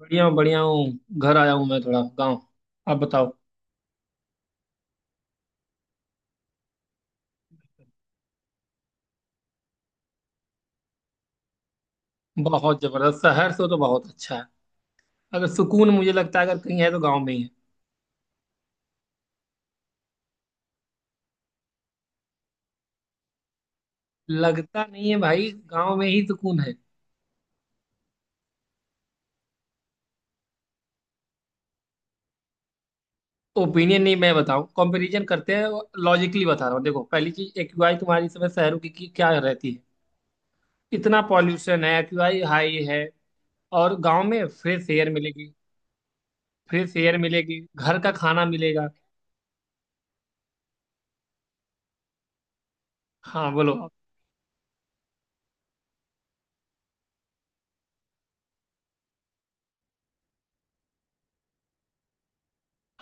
बढ़िया हूँ बढ़िया हूँ। घर आया हूँ मैं थोड़ा गाँव। आप बताओ। बहुत जबरदस्त। शहर से तो बहुत अच्छा है। अगर सुकून मुझे लगता है अगर कहीं है तो गाँव में ही है। लगता नहीं है भाई, गाँव में ही सुकून है। ओपिनियन नहीं, मैं बताऊँ कंपैरिजन करते हैं। लॉजिकली बता रहा हूँ। देखो पहली चीज, एक्यूआई तुम्हारी इस समय शहरों की क्या रहती है। इतना पॉल्यूशन है, एक्यूआई हाई है। और गाँव में फ्रेश एयर मिलेगी। फ्रेश एयर मिलेगी, घर का खाना मिलेगा। हाँ बोलो।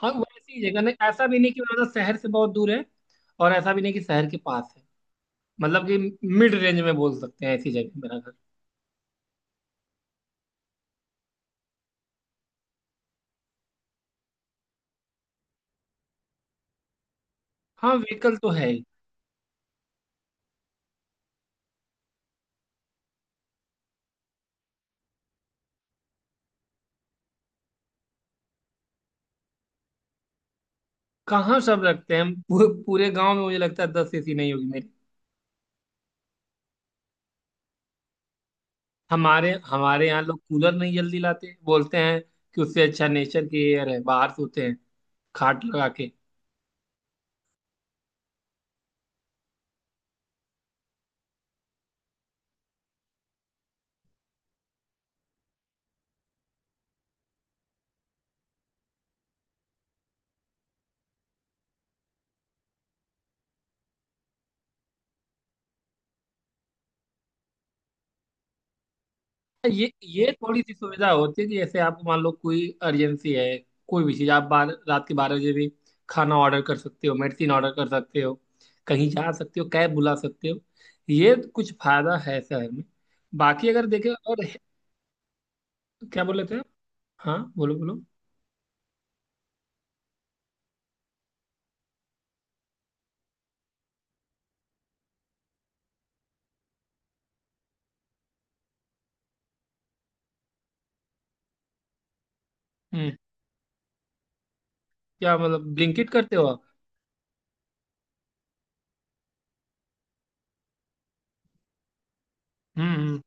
हाँ वैसी ही जगह नहीं, ऐसा भी नहीं कि ज्यादा शहर से बहुत दूर है और ऐसा भी नहीं कि शहर के पास है। मतलब कि मिड रेंज में बोल सकते हैं ऐसी जगह मेरा घर। हाँ व्हीकल तो है ही। कहाँ सब रखते हैं। पूरे गांव में मुझे लगता है 10 एसी नहीं होगी मेरी। हमारे हमारे यहाँ लोग कूलर नहीं जल्दी लाते, बोलते हैं कि उससे अच्छा नेचर की एयर है, बाहर सोते हैं खाट लगा के। ये थोड़ी सी सुविधा होती है कि जैसे आपको मान लो कोई अर्जेंसी है, कोई भी चीज, आप बार रात के 12 बजे भी खाना ऑर्डर कर सकते हो, मेडिसिन ऑर्डर कर सकते हो, कहीं जा सकते हो, कैब बुला सकते हो। ये कुछ फायदा है शहर में। बाकी अगर देखें क्या बोल लेते हैं। हाँ बोलो बोलो। हम्म। क्या मतलब, ब्लिंकिट करते हो आप? हम्म।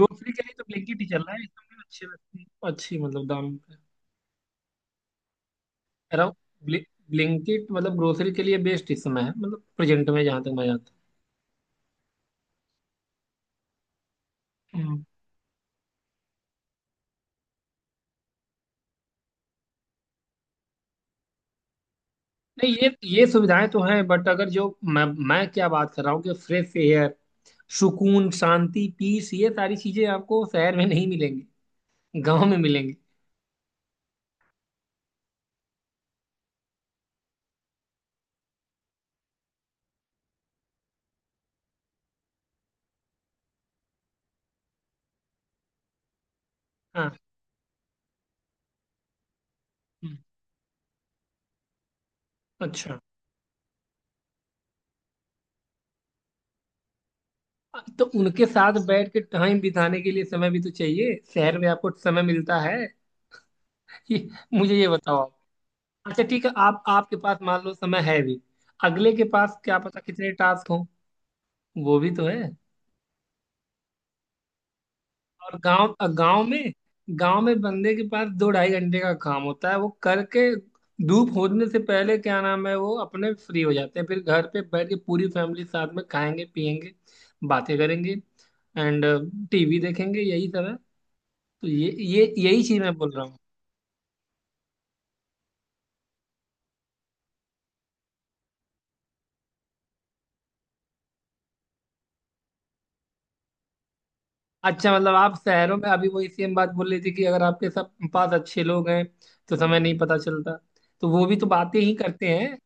ग्रोसरी के लिए तो ब्लिंकिट ही चल रहा है इस समय, अच्छे, अच्छी मतलब दाम पे। कह रहा हूँ, ब्लि, ब्लिंकिट मतलब ग्रोसरी के लिए बेस्ट इस समय है, मतलब प्रेजेंट में जहाँ तक मैं जानता हूँ। नहीं ये सुविधाएं तो हैं, बट अगर जो मैं क्या बात कर रहा हूँ कि फ्रेश एयर, सुकून, शांति, पीस, ये सारी चीजें आपको शहर में नहीं मिलेंगी, गांव में मिलेंगी। हाँ। हम्म। अच्छा। तो उनके साथ बैठ के टाइम बिताने के लिए समय भी तो चाहिए, शहर में आपको समय मिलता है? मुझे ये बताओ आप। अच्छा ठीक है, आप, आपके पास मान लो समय है भी, अगले के पास क्या पता कितने टास्क हों। वो भी तो है। और गांव गांव में बंदे के पास दो ढाई घंटे का काम होता है, वो करके धूप होने से पहले, क्या नाम है वो, अपने फ्री हो जाते हैं। फिर घर पे बैठ के पूरी फैमिली साथ में खाएंगे पियेंगे, बातें करेंगे, एंड टीवी देखेंगे, यही सब है। तो ये यही चीज मैं बोल रहा हूँ। अच्छा मतलब आप शहरों में अभी वही सेम बात बोल रही थी कि अगर आपके सब पास अच्छे लोग हैं तो समय नहीं पता चलता। तो वो भी तो बातें ही करते हैं।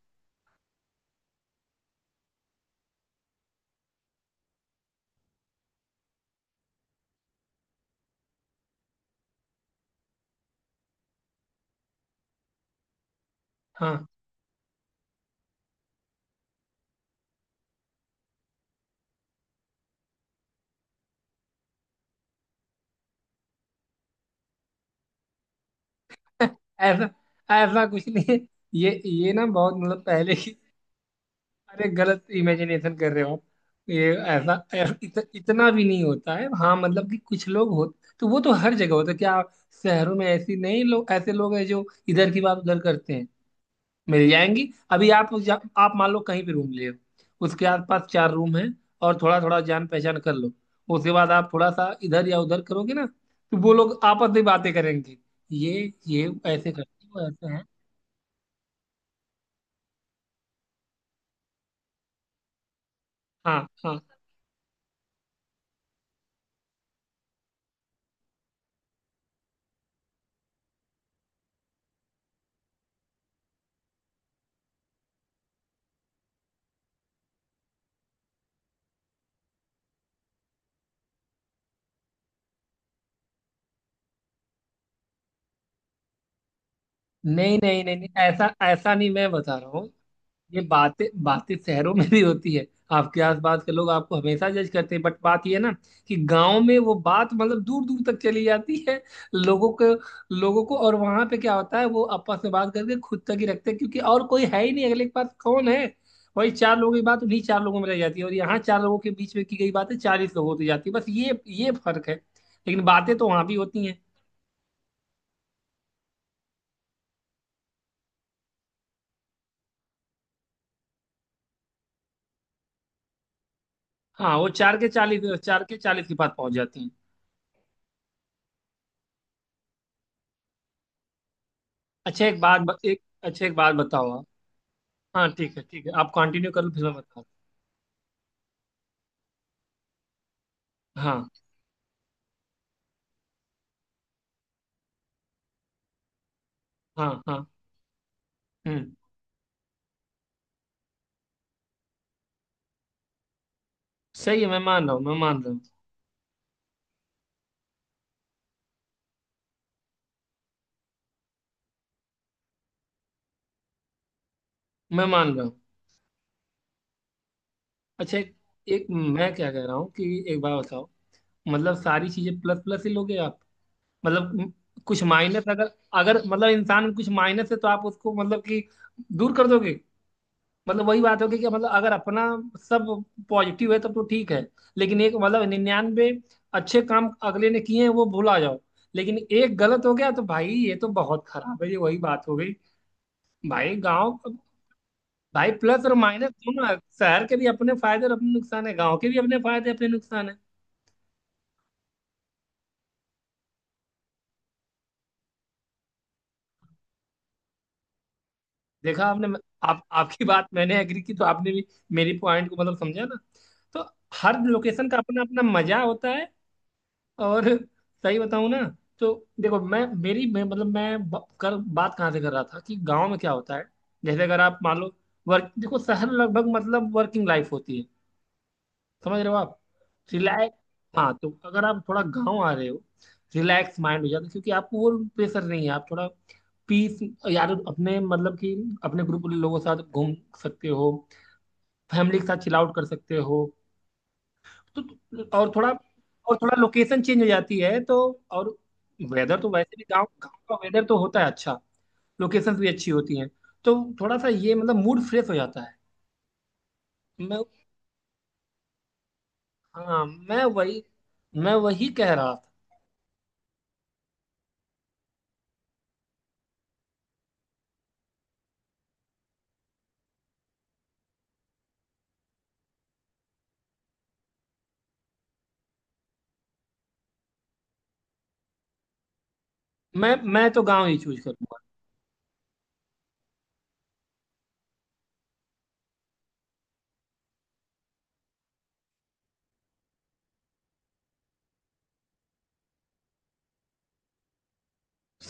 हाँ। ऐसा ऐसा कुछ नहीं है। ये ना बहुत, मतलब पहले की। अरे गलत इमेजिनेशन कर रहे हो आप। ये ऐसा इतना भी नहीं होता है। हाँ मतलब कि कुछ लोग हो तो वो तो हर जगह होता है क्या। शहरों में ऐसी नहीं, लोग, ऐसे लोग हैं जो इधर की बात उधर करते हैं, मिल जाएंगी। अभी आप आप मान लो कहीं भी रूम ले हो, उसके आसपास चार रूम है, और थोड़ा थोड़ा जान पहचान कर लो, उसके बाद आप थोड़ा सा इधर या उधर करोगे ना, तो वो लोग आपस में बातें करेंगे। ये ऐसे करते हैं, वो ऐसे हैं। हाँ हाँ। नहीं नहीं नहीं नहीं, ऐसा ऐसा नहीं, मैं बता रहा हूँ। ये बातें, बातें शहरों में भी होती है। आपके आसपास के लोग आपको हमेशा जज करते हैं, बट बात ये है ना कि गांव में वो बात मतलब दूर दूर तक चली जाती है। लोगों को लोगों को, और वहां पे क्या होता है, वो आपस में बात करके खुद तक ही रखते हैं, क्योंकि और कोई है ही नहीं, अगले के पास कौन है। वही चार लोगों की बात उन्हीं चार लोगों में रह जाती है, और यहाँ चार लोगों के बीच में की गई बातें 40 लोगों तक जाती है। बस ये फर्क है। लेकिन बातें तो वहां भी होती हैं। हाँ, वो चार के चालीस के बाद पहुंच जाती हैं। अच्छा, एक बात ब- एक अच्छा एक बात बताओ आप। हाँ ठीक है ठीक है, आप कंटिन्यू कर लो फिर मैं बताता हूँ। हाँ हाँ। हाँ। हम्म। सही है, मैं मान रहा हूँ। अच्छा एक, एक मैं क्या कह रहा हूँ कि एक बात बताओ, मतलब सारी चीजें प्लस प्लस ही लोगे आप। मतलब म- कुछ माइनस अगर, मतलब इंसान में कुछ माइनस है तो आप उसको मतलब कि दूर कर दोगे। मतलब वही बात होगी कि मतलब अगर अपना सब पॉजिटिव है तब तो ठीक है। लेकिन एक, मतलब 99 अच्छे काम अगले ने किए हैं वो भुला जाओ, लेकिन एक गलत हो गया तो भाई ये तो बहुत खराब है। ये वही बात हो गई। भाई गांव भाई प्लस और माइनस दोनों है। शहर के भी अपने फायदे और अपने नुकसान है, गांव के भी अपने फायदे अपने नुकसान है। देखा आपने। आप आपकी बात मैंने एग्री की तो आपने भी मेरी पॉइंट को मतलब समझा ना। तो हर लोकेशन का अपना अपना मजा होता है। और सही बताऊं ना, तो देखो मैं मेरी मैं, मतलब मैं ब- कर बात कहाँ से कर रहा था कि गांव में क्या होता है। जैसे अगर आप मान लो, वर्क, देखो शहर लगभग मतलब वर्किंग लाइफ होती है। समझ रहे हो आप। रिलैक्स। हाँ, तो अगर आप थोड़ा गांव आ रहे हो, रिलैक्स माइंड हो जाता है क्योंकि आपको वो प्रेशर नहीं है। आप थोड़ा पीस, यार अपने, मतलब कि अपने ग्रुप के लोगों के साथ घूम सकते हो, फैमिली के साथ चिल आउट कर सकते हो। तो और थोड़ा, और थोड़ा लोकेशन चेंज हो जाती है तो, और वेदर तो वैसे भी गांव गांव का वेदर तो होता है अच्छा, लोकेशन भी अच्छी होती हैं। तो थोड़ा सा ये मतलब मूड फ्रेश हो जाता है। मैं, हाँ मैं वही कह रहा था। मैं तो गांव ही चूज करूंगा।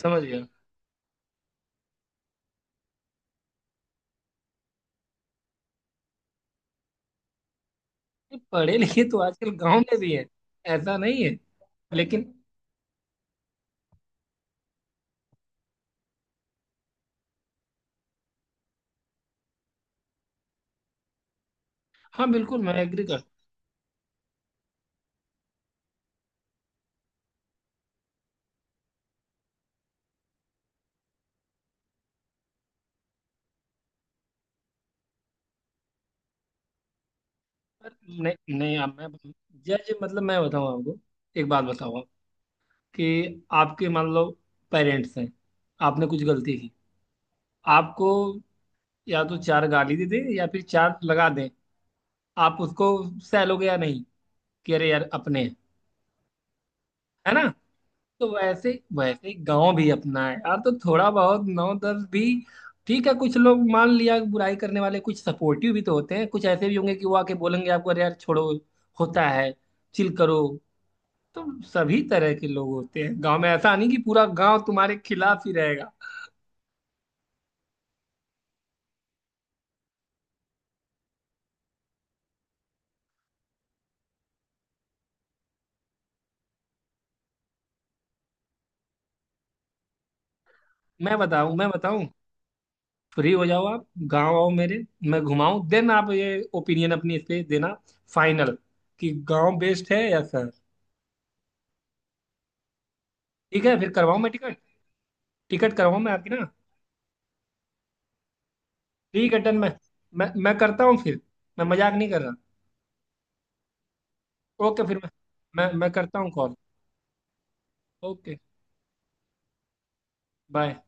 समझ गया। ये पढ़े लिखे तो आजकल गांव में भी है, ऐसा नहीं है, लेकिन। हाँ बिल्कुल मैं एग्री कर। पर, नहीं नहीं, अब मैं जज, मतलब मैं बताऊँ आपको। एक बात बताओ कि आपके मान लो पेरेंट्स हैं, आपने कुछ गलती की, आपको या तो चार गाली दे दे या फिर चार लगा दें, आप उसको सह लोगे या नहीं कि अरे यार अपने हैं। है ना। तो वैसे वैसे गांव भी अपना है यार, तो थोड़ा बहुत 9-10 भी ठीक है। कुछ लोग मान लिया बुराई करने वाले, कुछ सपोर्टिव भी तो होते हैं, कुछ ऐसे भी होंगे कि वो आके बोलेंगे आपको, अरे यार छोड़ो, होता है, चिल करो। तो सभी तरह के लोग होते हैं गांव में, ऐसा नहीं कि पूरा गांव तुम्हारे खिलाफ ही रहेगा। मैं बताऊं, फ्री हो जाओ आप, गांव आओ मेरे, मैं घुमाऊं, देन आप ये ओपिनियन अपनी इस पे देना फाइनल, कि गांव बेस्ट है या शहर। ठीक है फिर करवाऊं मैं टिकट। टिकट करवाऊं मैं आपकी ना। ठीक है डन। मैं करता हूँ फिर। मैं मजाक नहीं कर रहा। ओके फिर मैं करता हूँ कॉल। ओके। बाय।